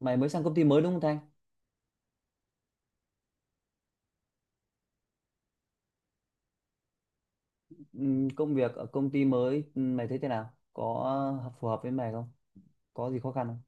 Mày mới sang công ty mới đúng không Thanh? Công việc ở công ty mới, mày thấy thế nào? Có phù hợp với mày không? Có gì khó khăn không?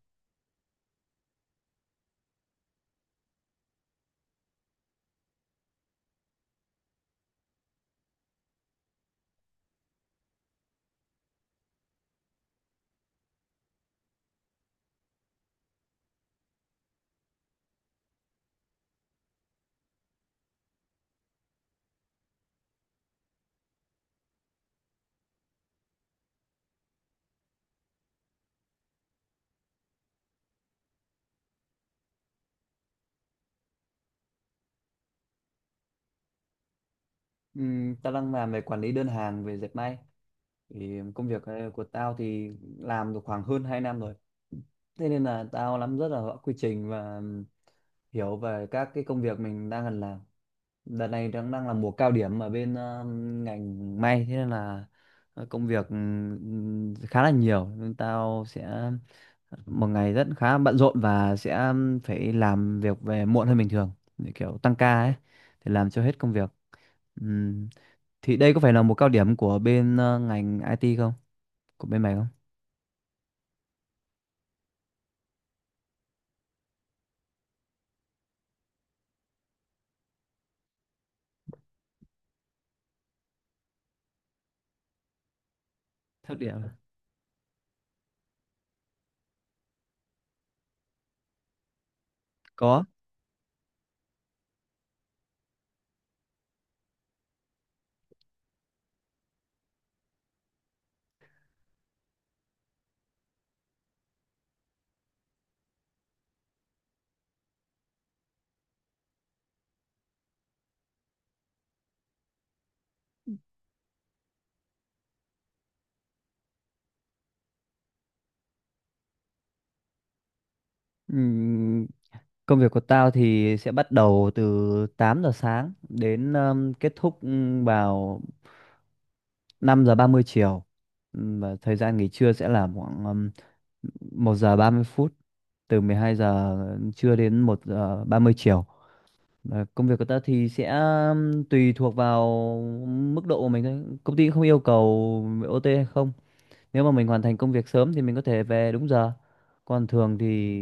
Tao đang làm về quản lý đơn hàng về dệt may. Thì công việc của tao thì làm được khoảng hơn 2 năm rồi. Thế nên là tao nắm rất là rõ quy trình và hiểu về các cái công việc mình đang cần làm. Đợt này đang đang là mùa cao điểm ở bên ngành may, thế nên là công việc khá là nhiều nên tao sẽ một ngày rất khá bận rộn và sẽ phải làm việc về muộn hơn bình thường, để kiểu tăng ca ấy, để làm cho hết công việc. Ừm, thì đây có phải là một cao điểm của bên ngành IT không, của bên mày không? Thật điểm à? Có. Ừm, Công việc của tao thì sẽ bắt đầu từ 8 giờ sáng đến, kết thúc vào 5 giờ 30 chiều. Và thời gian nghỉ trưa sẽ là khoảng 1 giờ 30 phút, từ 12 giờ trưa đến 1 giờ 30 chiều. Và công việc của ta thì sẽ, tùy thuộc vào mức độ của mình thôi. Công ty không yêu cầu OT hay không. Nếu mà mình hoàn thành công việc sớm thì mình có thể về đúng giờ. Còn thường thì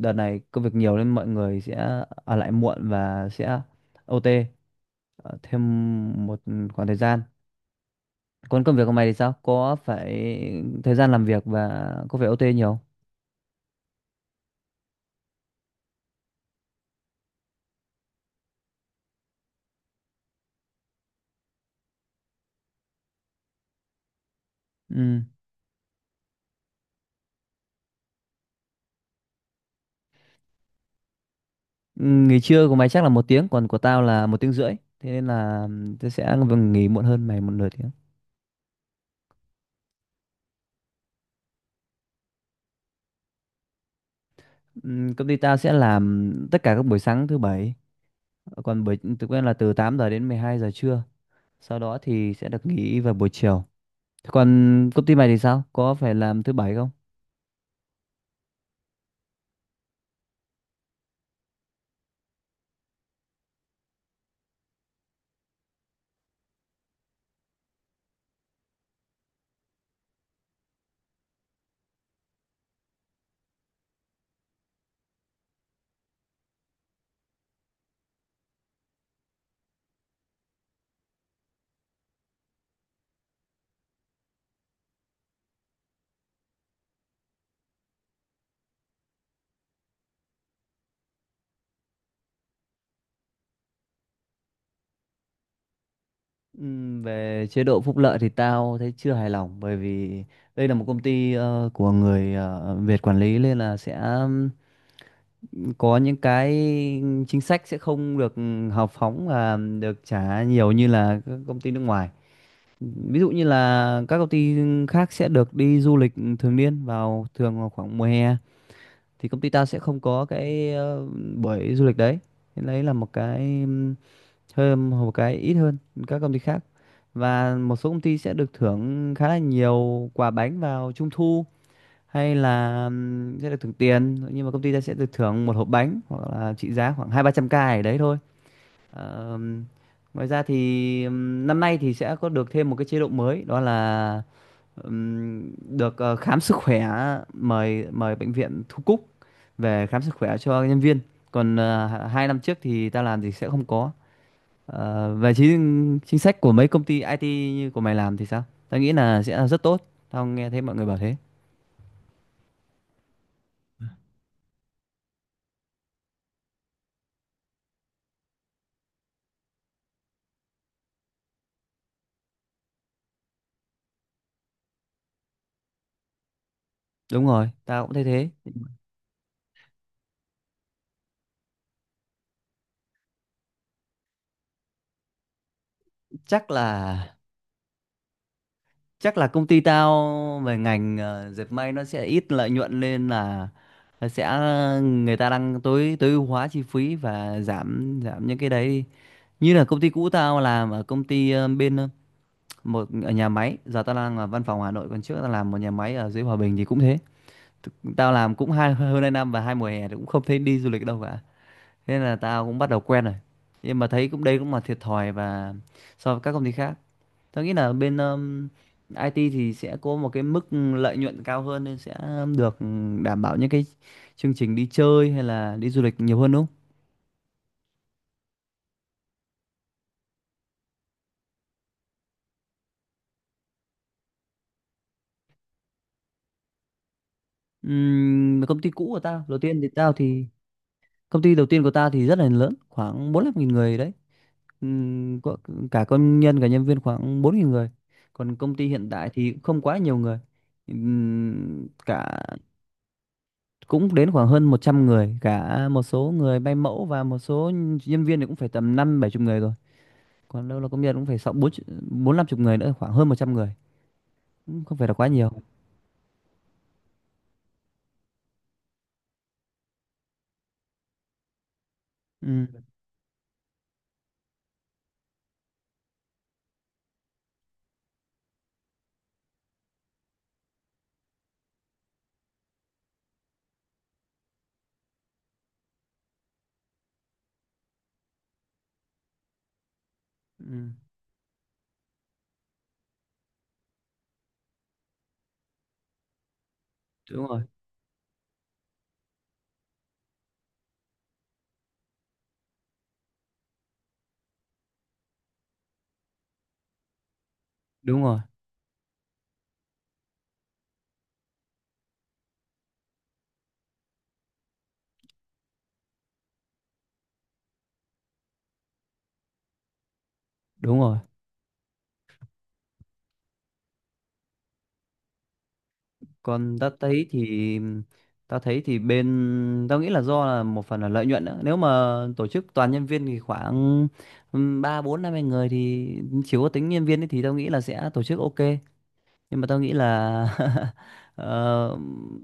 đợt này công việc nhiều nên mọi người sẽ ở lại muộn và sẽ OT thêm một khoảng thời gian. Còn công việc của mày thì sao? Có phải thời gian làm việc và có phải OT nhiều không? Ừ. Ừ, nghỉ trưa của mày chắc là một tiếng, còn của tao là một tiếng rưỡi. Thế nên là tao sẽ nghỉ muộn hơn mày một nửa tiếng. Công ty tao sẽ làm tất cả các buổi sáng thứ bảy, còn buổi thực quen là từ 8 giờ đến 12 giờ trưa. Sau đó thì sẽ được nghỉ vào buổi chiều. Còn công ty mày thì sao? Có phải làm thứ bảy không? Về chế độ phúc lợi thì tao thấy chưa hài lòng, bởi vì đây là một công ty của người Việt quản lý, nên là sẽ, có những cái chính sách sẽ không được hào phóng và được trả nhiều như là các công ty nước ngoài. Ví dụ như là các công ty khác sẽ được đi du lịch thường niên vào, thường vào khoảng mùa hè, thì công ty tao sẽ không có cái buổi du lịch đấy. Thế đấy là một cái hơn, một cái ít hơn các công ty khác. Và một số công ty sẽ được thưởng khá là nhiều quà bánh vào trung thu hay là sẽ được thưởng tiền, nhưng mà công ty ta sẽ được thưởng một hộp bánh hoặc là trị giá khoảng hai ba trăm k gì đấy thôi. Ờm, Ngoài ra thì, năm nay thì sẽ có được thêm một cái chế độ mới, đó là ừm, được khám sức khỏe, mời mời bệnh viện Thu Cúc về khám sức khỏe cho nhân viên, còn hai năm trước thì ta làm thì sẽ không có. Về chính chính sách của mấy công ty IT như của mày làm thì sao? Tao nghĩ là sẽ là rất tốt. Tao nghe thấy mọi người bảo thế. Đúng rồi, tao cũng thấy thế. Chắc là chắc là công ty tao về ngành dệt may nó sẽ ít lợi nhuận, nên là nó sẽ, người ta đang tối tối ưu hóa chi phí và giảm giảm những cái đấy. Như là công ty cũ tao làm ở công ty bên một ở nhà máy, giờ tao đang ở văn phòng Hà Nội, còn trước tao làm một nhà máy ở dưới Hòa Bình thì cũng thế. Tao làm cũng hai, hơn hai năm và hai mùa hè thì cũng không thấy đi du lịch đâu cả, thế nên là tao cũng bắt đầu quen rồi, nhưng mà thấy cũng đây cũng là thiệt thòi. Và so với các công ty khác, tao nghĩ là bên, IT thì sẽ có một cái mức lợi nhuận cao hơn nên sẽ được đảm bảo những cái chương trình đi chơi hay là đi du lịch nhiều hơn, đúng không? Công ty cũ của tao đầu tiên thì tao thì, công ty đầu tiên của ta thì rất là lớn, khoảng 45 nghìn người đấy. Có cả công nhân cả nhân viên khoảng 4.000 người. Còn công ty hiện tại thì cũng không quá nhiều người. Cả cũng đến khoảng hơn 100 người, cả một số người bay mẫu và một số nhân viên thì cũng phải tầm năm bảy chục người rồi. Còn đâu là công nhân cũng phải sáu bốn bốn năm chục người nữa, khoảng hơn 100 người. Cũng không phải là quá nhiều. Ừ. Ừ. Đúng rồi, đúng rồi, đúng rồi. Còn ta thấy thì Ta thấy thì bên, tao nghĩ là do là một phần là lợi nhuận nữa, nếu mà tổ chức toàn nhân viên thì khoảng, ba bốn năm mươi người thì chỉ có tính nhân viên ấy, thì tao nghĩ là sẽ tổ chức ok, nhưng mà tao nghĩ là ờ,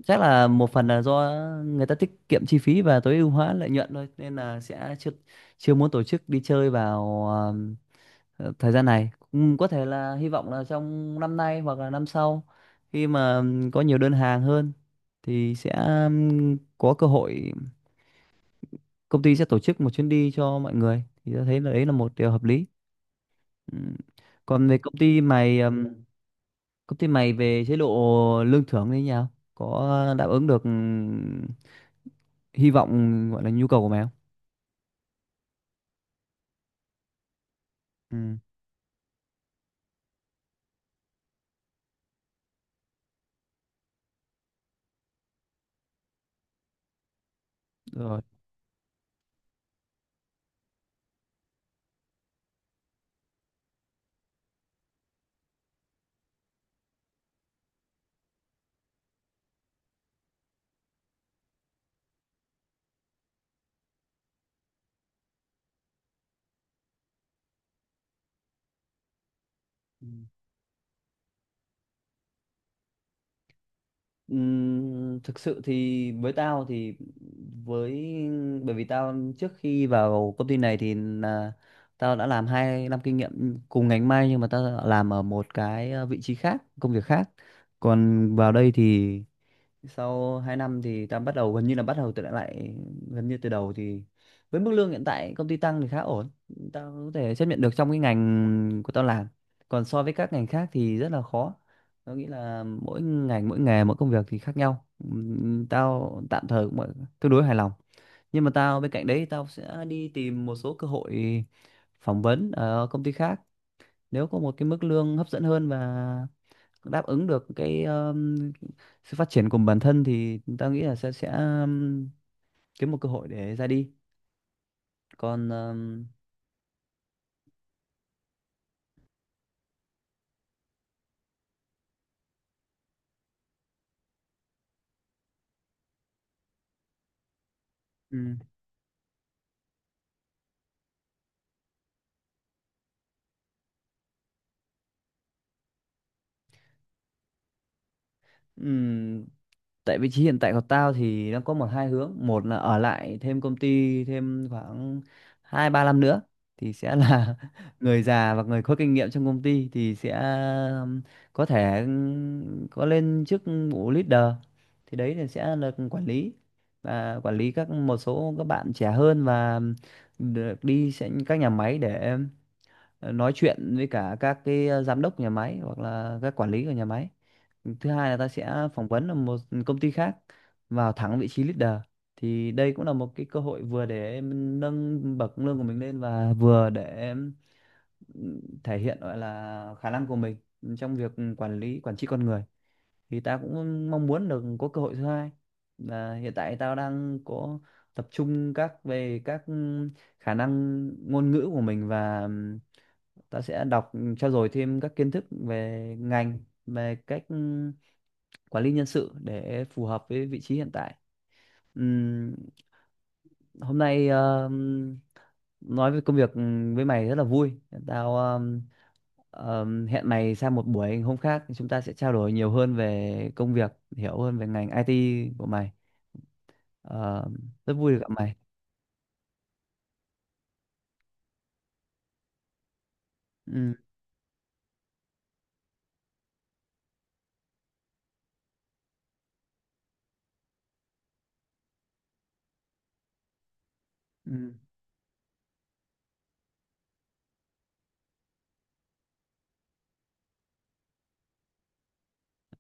chắc là một phần là do người ta tiết kiệm chi phí và tối ưu hóa lợi nhuận thôi, nên là sẽ chưa chưa muốn tổ chức đi chơi vào thời gian này. Cũng có thể là hy vọng là trong năm nay hoặc là năm sau, khi mà có nhiều đơn hàng hơn thì sẽ, có cơ hội công ty sẽ tổ chức một chuyến đi cho mọi người, thì tôi thấy là đấy là một điều hợp lý. Ừm. Còn về công ty mày, công ty mày về chế độ lương thưởng như thế nào, có đáp ứng được hy vọng gọi là nhu cầu của mày không? Ừ, rồi. Thực sự thì với tao thì với, bởi vì tao trước khi vào công ty này thì là, tao đã làm hai năm kinh nghiệm cùng ngành may, nhưng mà tao làm ở một cái vị trí khác, công việc khác. Còn vào đây thì sau 2 năm thì ta bắt đầu gần như là bắt đầu từ lại, gần như từ đầu, thì với mức lương hiện tại công ty tăng thì khá ổn, tao có thể chấp nhận được trong cái ngành của tao làm. Còn so với các ngành khác thì rất là khó, tao nghĩ là mỗi ngành, mỗi nghề, mỗi công việc thì khác nhau. Tao tạm thời cũng tương đối hài lòng, nhưng mà tao, bên cạnh đấy tao sẽ đi tìm một số cơ hội phỏng vấn ở công ty khác, nếu có một cái mức lương hấp dẫn hơn và đáp ứng được cái, sự phát triển của bản thân thì ta nghĩ là sẽ, kiếm một cơ hội để ra đi. Còn, ừ, ừ, tại vị trí hiện tại của tao thì nó có một hai hướng. Một là ở lại thêm công ty thêm khoảng hai ba năm nữa thì sẽ là người già và người có kinh nghiệm trong công ty, thì sẽ um, có thể có lên chức vụ leader, thì đấy là sẽ là quản lý, và quản lý các một số các bạn trẻ hơn, và được đi sẽ các nhà máy để nói chuyện với cả các cái giám đốc nhà máy hoặc là các quản lý của nhà máy. Thứ hai là ta sẽ phỏng vấn ở một công ty khác, vào thẳng vị trí leader, thì đây cũng là một cái cơ hội vừa để em nâng bậc lương của mình lên và vừa để em thể hiện gọi là khả năng của mình trong việc quản lý, quản trị con người. Thì ta cũng mong muốn được có cơ hội thứ hai, và hiện tại tao đang có tập trung các về các khả năng ngôn ngữ của mình. Và ta sẽ đọc, trau dồi thêm các kiến thức về ngành, về cách, ừ, quản lý nhân sự để phù hợp với vị trí hiện tại. Ừm, Hôm nay nói về công việc với mày rất là vui. Tao hẹn mày sang một buổi hôm khác, chúng ta sẽ trao đổi nhiều hơn về công việc, hiểu hơn về ngành IT của mày. Ờ, Rất vui được gặp mày. Ừm, ừm,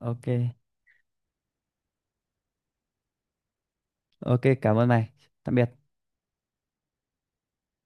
ok, ok, cảm ơn mày. Tạm biệt.